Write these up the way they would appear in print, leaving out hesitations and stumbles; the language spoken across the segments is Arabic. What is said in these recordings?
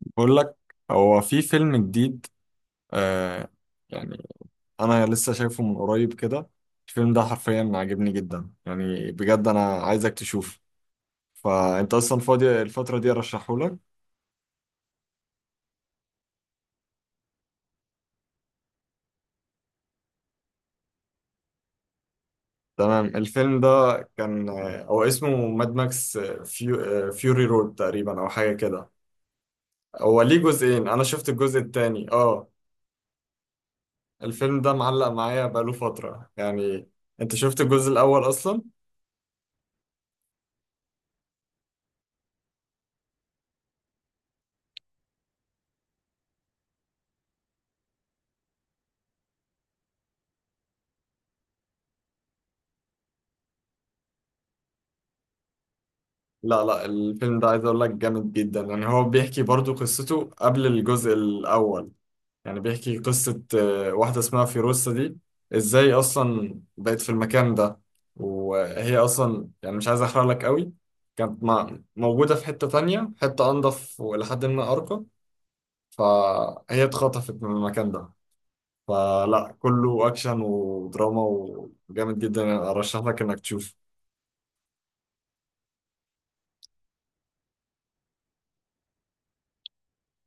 بقول لك، هو في فيلم جديد. آه. يعني انا لسه شايفه من قريب كده. الفيلم ده حرفيا عاجبني جدا، بجد انا عايزك تشوفه، فانت اصلا فاضي الفترة دي ارشحه لك. تمام. الفيلم ده كان هو اسمه ماد ماكس، فيو فيوري رود تقريبا او حاجة كده. هو ليه جزئين، انا شفت الجزء التاني. اه. الفيلم ده معلق معايا بقاله فترة يعني. انت شفت الجزء الاول اصلا؟ لا، الفيلم ده عايز اقول لك جامد جدا، يعني هو بيحكي برضو قصته قبل الجزء الاول. يعني بيحكي قصة واحدة اسمها فيروسة دي، ازاي اصلا بقت في المكان ده، وهي اصلا يعني مش عايز احرق لك قوي. كانت موجودة في حتة تانية، حتة انضف ولحد ما ارقى، فهي اتخطفت من المكان ده. فلا كله اكشن ودراما وجامد جدا، ارشح لك انك تشوفه.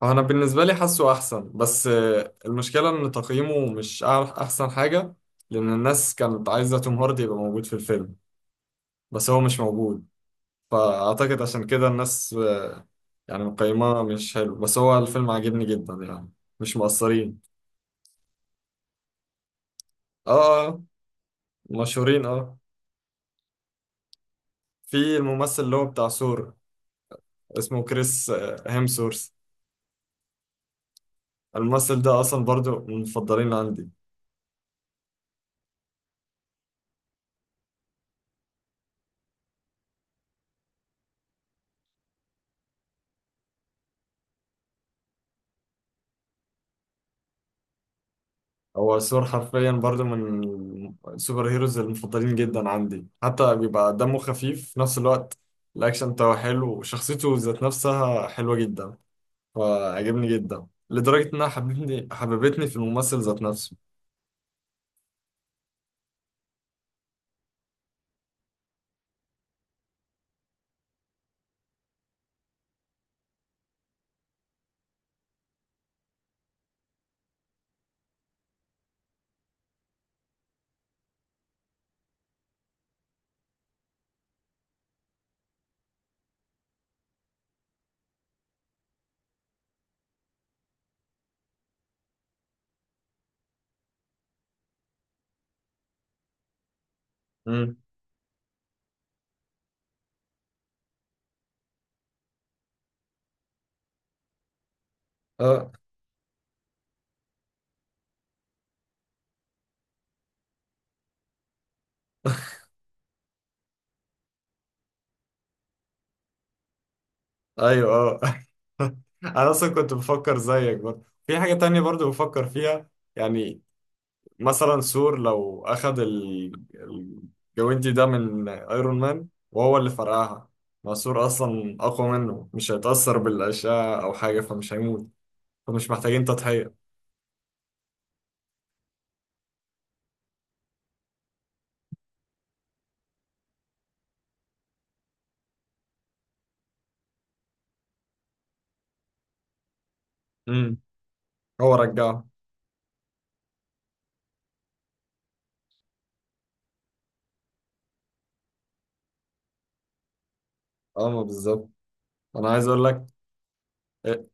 هو انا بالنسبه لي حاسه احسن، بس المشكله ان تقييمه مش أع- احسن حاجه، لان الناس كانت عايزه توم هاردي يبقى موجود في الفيلم، بس هو مش موجود. فاعتقد عشان كده الناس، يعني مقيماه مش حلو، بس هو الفيلم عاجبني جدا يعني، مش مقصرين. اه، مشهورين اه. في الممثل اللي هو بتاع ثور، اسمه كريس هيمسورث. الممثل ده اصلا برضو من المفضلين عندي. هو ثور حرفيا برضو من السوبر هيروز المفضلين جدا عندي، حتى بيبقى دمه خفيف في نفس الوقت. الأكشن بتاعه حلو وشخصيته ذات نفسها حلوة جدا، فعجبني جدا لدرجة إنها حببتني في الممثل ذات نفسه. امم. اه. أيوه. اه. أنا أصلا كنت بفكر زيك برضه في حاجة تانية برضه بفكر فيها. يعني مثلا ثور لو أخد الجوينتي ده من أيرون مان وهو اللي فرقعها، ما ثور أصلا أقوى منه، مش هيتأثر بالأشعة أو حاجة فمش هيموت، فمش محتاجين تضحية. امم. هو رجعه. اه، ما بالظبط. أنا عايز أقول لك، إيه؟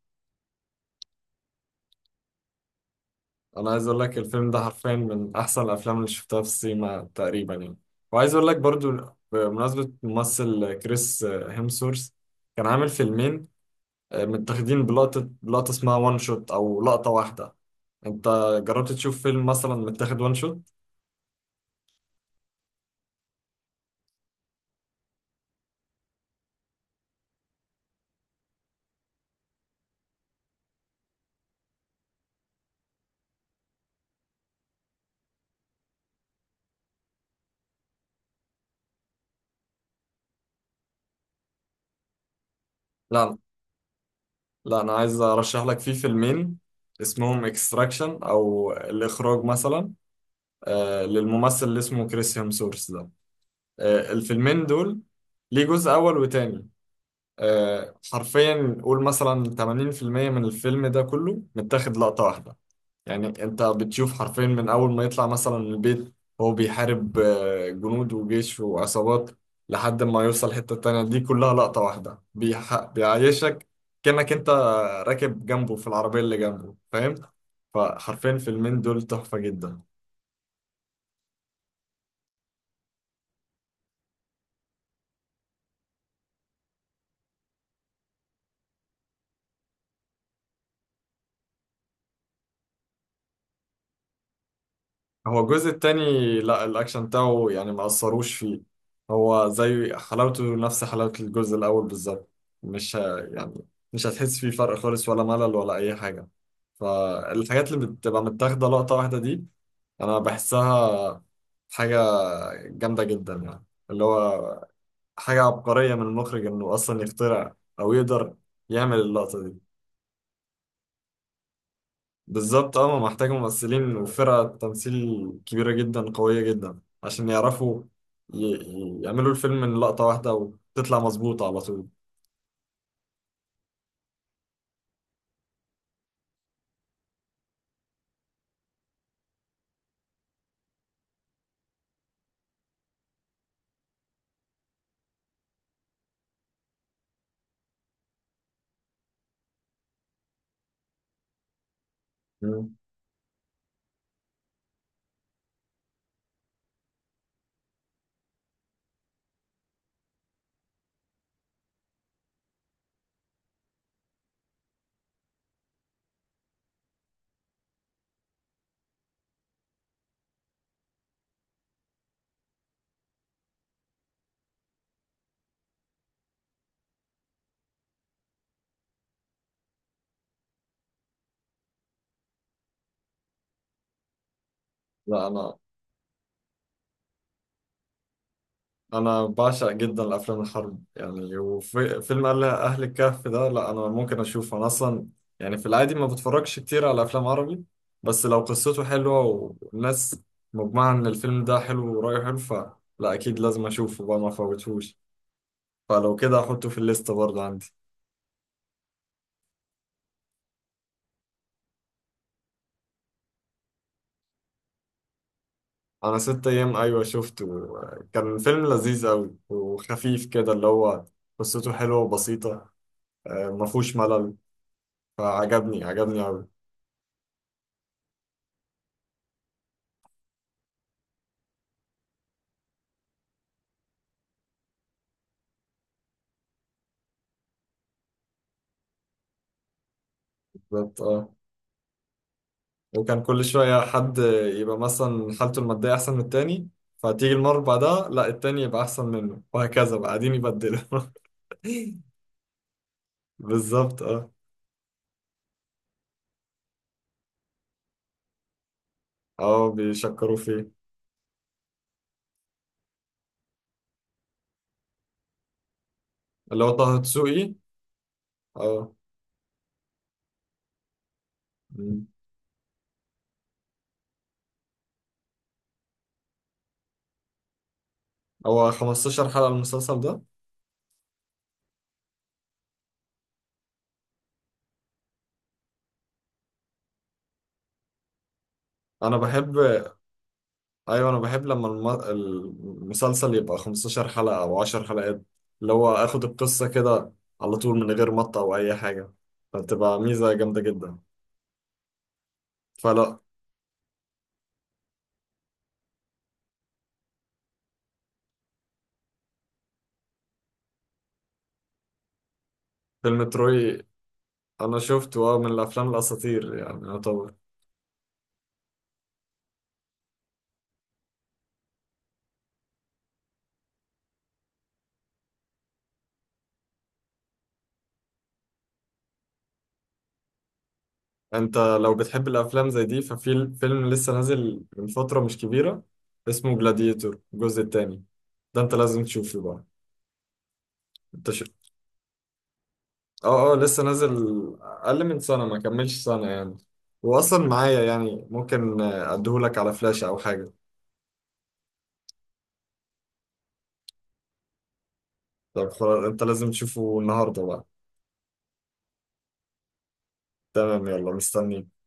أنا عايز أقول لك الفيلم ده حرفيا من أحسن الأفلام اللي شفتها في السينما تقريبا يعني. وعايز أقول لك برضو، بمناسبة ممثل كريس هيمسورث، كان عامل فيلمين متاخدين بلقطة لقطة، اسمها وان شوت أو لقطة واحدة. انت جربت تشوف فيلم مثلا متاخد وان شوت؟ لا لا انا عايز ارشح لك فيه فيلمين، اسمهم اكستراكشن او الاخراج مثلا، آه، للممثل اللي اسمه كريس هيمسورث ده. آه، الفيلمين دول ليه جزء اول وتاني. آه، حرفيا قول مثلا 80% من الفيلم ده كله متاخد لقطة واحدة. يعني انت بتشوف حرفيا من اول ما يطلع مثلا من البيت، هو بيحارب جنود وجيش وعصابات لحد ما يوصل حتة تانية، دي كلها لقطة واحدة، بيعيشك كأنك انت راكب جنبه في العربية اللي جنبه، فاهم؟ فحرفيا الفيلمين دول تحفة جدا. هو الجزء التاني، لا الأكشن بتاعه يعني ما أثروش فيه، هو زي حلاوته، نفس حلاوة الجزء الأول بالظبط. مش ه... يعني مش هتحس فيه فرق خالص، ولا ملل ولا أي حاجة. فالحاجات اللي بتبقى متاخدة لقطة واحدة دي، أنا بحسها حاجة جامدة جدا، يعني اللي هو حاجة عبقرية من المخرج إنه أصلا يخترع أو يقدر يعمل اللقطة دي. بالظبط اه، ما محتاجة ممثلين وفرقة تمثيل كبيرة جدا قوية جدا عشان يعرفوا يعملوا الفيلم من لقطة واحدة وتطلع مظبوطة على طول. مم. لا أنا، أنا بعشق جدا الأفلام الحرب يعني، وفيلم أهل الكهف ده، لا أنا ممكن أشوفه. أنا أصلا يعني في العادي ما بتفرجش كتير على أفلام عربي، بس لو قصته حلوة، والناس مجمعة إن الفيلم ده حلو ورأيه حلو، فلا أكيد لازم أشوفه بقى، ما أفوتهوش. فلو كده أحطه في الليستة برضه عندي. انا ست ايام ايوه شفته، كان فيلم لذيذ قوي وخفيف كده، اللي هو قصته حلوه وبسيطه، ما فيهوش ملل، فعجبني عجبني قوي. بالظبط اه. وكان كل شويه حد يبقى مثلا حالته الماديه احسن من التاني، فتيجي المره اللي بعدها لا التاني يبقى احسن منه، وهكذا بقى قاعدين يبدلوا. بالظبط اه. اه، بيشكروا فيه. اللي هو طه دسوقي. اه. مم. هو 15 حلقه المسلسل ده. انا بحب، ايوه انا بحب لما المسلسل يبقى 15 حلقة او 10 حلقات، اللي هو اخد القصة كده على طول من غير مطة او اي حاجة، فبتبقى ميزة جامدة جدا. فلا فيلم تروي انا شفته اه، من الافلام الاساطير يعني يعتبر. انت لو بتحب الافلام زي دي ففي فيلم لسه نازل من فترة مش كبيرة، اسمه جلاديتور الجزء التاني، ده انت لازم تشوفه بقى. انت، اه اه لسه نازل، اقل من سنه، ما كملش سنه يعني، واصلا معايا، يعني ممكن اديهولك على فلاش او حاجه. طب خلاص انت لازم تشوفه النهارده بقى. تمام يلا مستنيك.